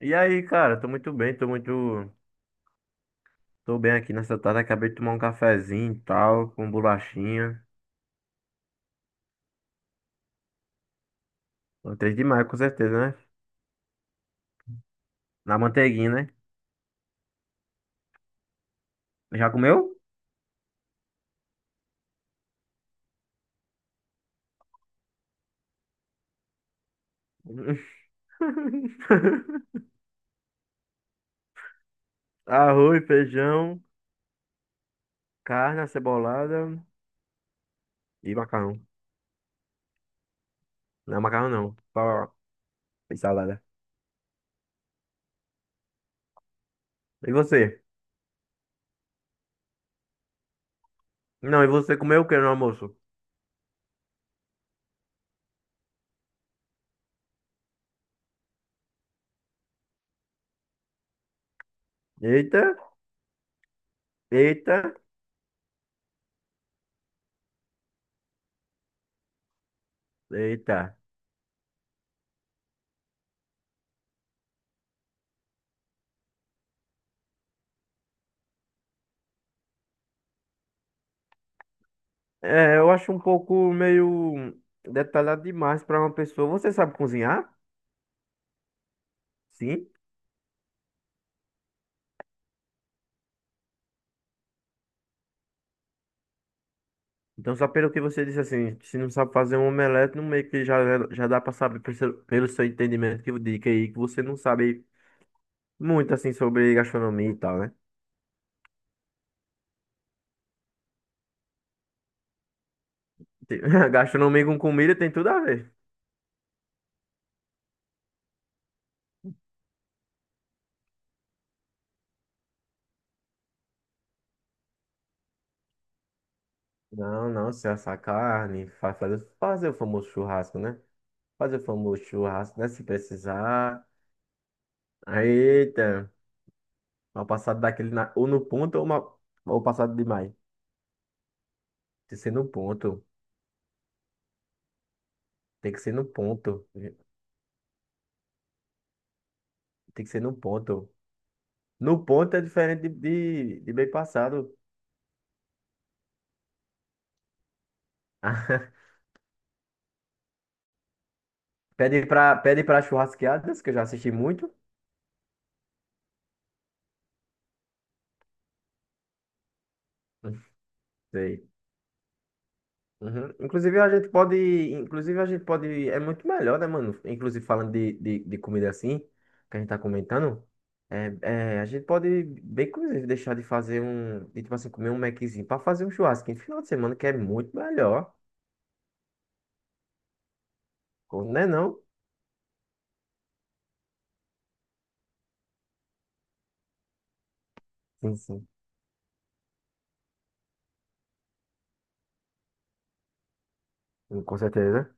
E aí, cara, tô muito bem, tô muito. Tô bem aqui nessa tarde. Acabei de tomar um cafezinho e tal, com um bolachinha. Gostei demais, com certeza, né? Na manteiguinha, né? Já comeu? Arroz, feijão, carne, acebolada e macarrão. Não é macarrão, não. Só E salada. E você? Não, e você comeu o que no almoço? Eita, eita, eita. É, eu acho um pouco meio detalhado demais pra uma pessoa. Você sabe cozinhar? Sim. Então, só pelo que você disse assim, se não sabe fazer um omelete, no meio que já dá pra saber pelo seu entendimento que, eu digo aí que você não sabe muito assim sobre gastronomia e tal, né? Tem- Gastronomia com comida tem tudo a ver. Não, não, se assar carne, fazer o famoso churrasco, né? Fazer o famoso churrasco, né? Se precisar. Eita, uma passada daquele na, ou no ponto ou uma ou passada demais. Tem que ser no ponto. Tem que ser no ponto. Tem que ser no ponto. No ponto é diferente de bem passado. Pede pra churrasqueadas, que eu já assisti muito. Sei. Uhum. Inclusive a gente pode, é muito melhor, né, mano? Inclusive falando de comida assim, que a gente tá comentando, a gente pode bem, inclusive, deixar de fazer tipo assim, comer um Maczinho pra fazer um churrasco no final de semana, que é muito melhor, não é não? Sim, sim, com certeza.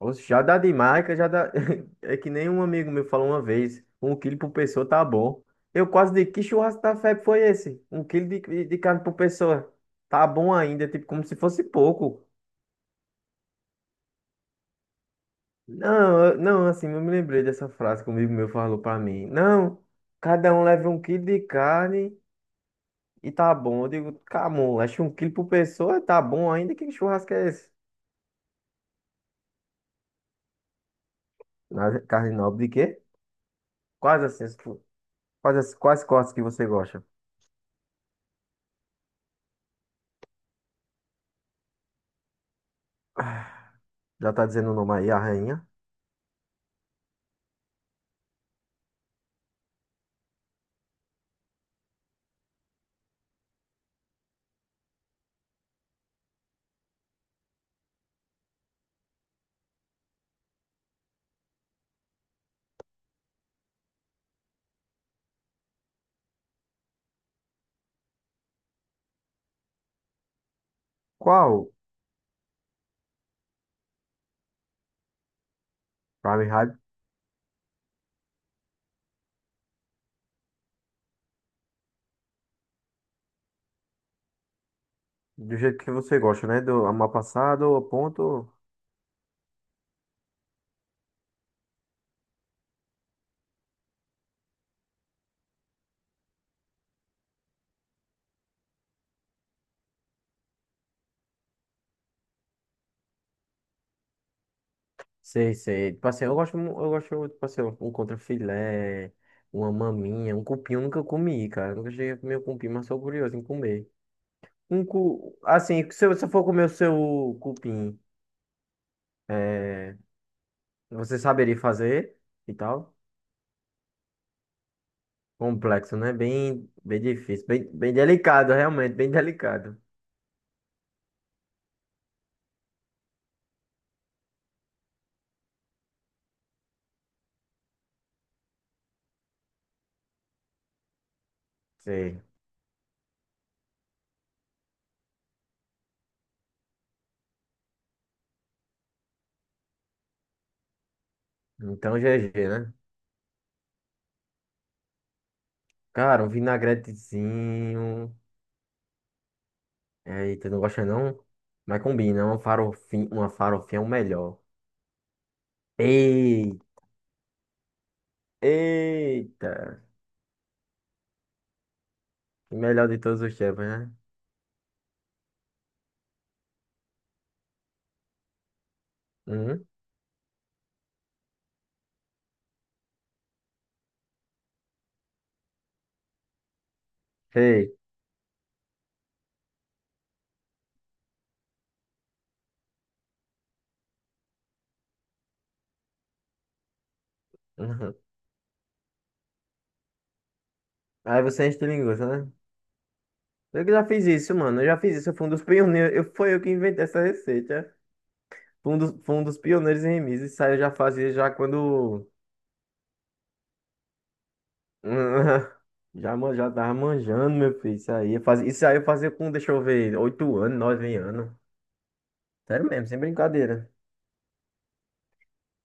Oxe, já dá de marca, já dá. É que nem um amigo meu falou uma vez: um quilo por pessoa tá bom. Eu quase digo: que churrasco da febre foi esse? Um quilo de carne por pessoa. Tá bom ainda, tipo, como se fosse pouco. Não, assim, eu me lembrei dessa frase que um amigo meu falou pra mim: não, cada um leva um quilo de carne e tá bom. Eu digo: camon, acho que um quilo por pessoa tá bom ainda. Que churrasco é esse? Carne nobre de quê? Quais assim, as- quais, as- Quais cortes que você gosta? Já tá dizendo o nome aí, a rainha. Qual? Prime Fahrenheit, do jeito que você gosta, né? Do amapassado, ponto. Sei, sei. Tipo assim, eu gosto, tipo assim, um contrafilé, uma maminha, um cupim eu nunca comi, cara. Eu nunca cheguei a comer um cupim, mas sou curioso em comer. Um cu... Assim, se você for comer o seu cupim, é, você saberia fazer e tal? Complexo, né? Bem, bem difícil, bem, bem delicado, realmente, bem delicado. Sei. Então, GG, né? Cara, um vinagretezinho. É, eita, não gosta não? Mas combina, uma farofinha é o melhor. Ei, eita! O melhor de todos os tempos, né? Uhum. Sei. Uhum. Aí você enche de linguiça, né? Eu que já fiz isso, mano. Eu já fiz isso. Eu fui um dos pioneiros. Foi eu que inventei essa receita. Fui um dos pioneiros em remis. Isso aí eu já fazia já quando. Já, já tava manjando, meu filho. Isso aí eu fazia com, deixa eu ver, 8 anos, 9 anos. Sério mesmo, sem brincadeira.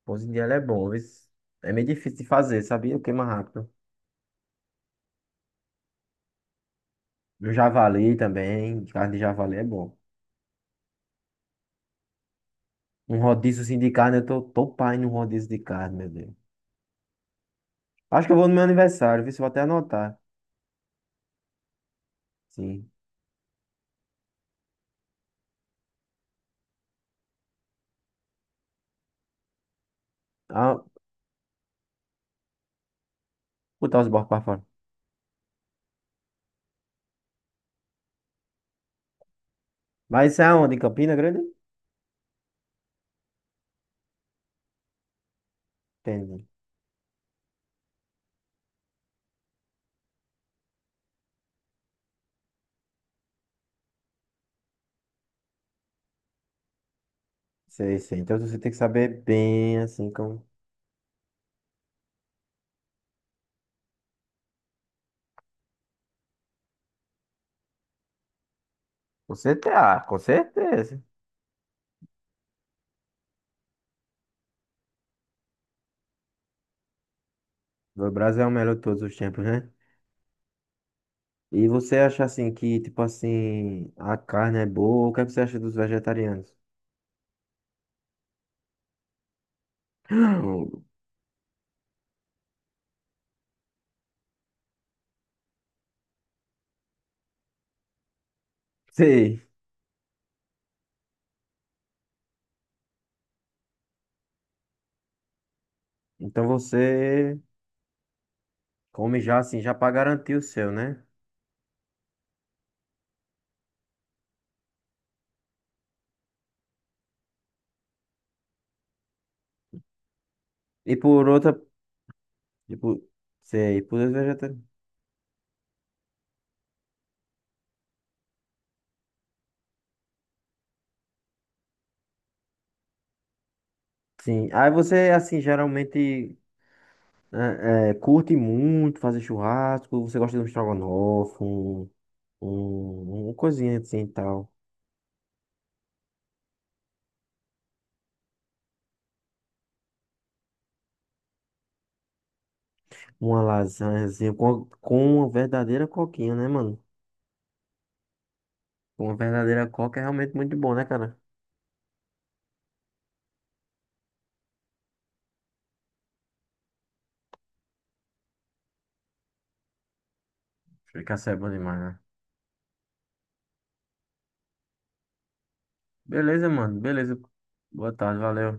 Pose de ela é bom, viu? É meio difícil de fazer, sabia? Queima rápido. No javali também, carne de javali é bom. Um rodízio assim de carne, eu tô pai num rodízio de carne, meu Deus. Acho que eu vou no meu aniversário, viu? Se eu vou até anotar. Sim. Ah, botar os bordos pra fora. Mas isso é aonde? Em Campina Grande? Entendi. Sei, sei. Então você tem que saber bem, assim, como... Com certeza, ah, com certeza. O Brasil é o melhor de todos os tempos, né? E você acha, assim, que, tipo assim, a carne é boa? O que é que você acha dos vegetarianos? Sei. Então você come já assim, já pra garantir o seu, né? E por outra, tipo, sei, por outra vegetariano. Sim. Aí você, assim, geralmente curte muito fazer churrasco, você gosta de um estrogonofe, uma coisinha assim e tal. Uma lasanha, assim, com uma verdadeira coquinha, né, mano? Com uma verdadeira coca é realmente muito bom, né, cara? Fica é bom demais, né? Beleza, mano. Beleza. Boa tarde, valeu.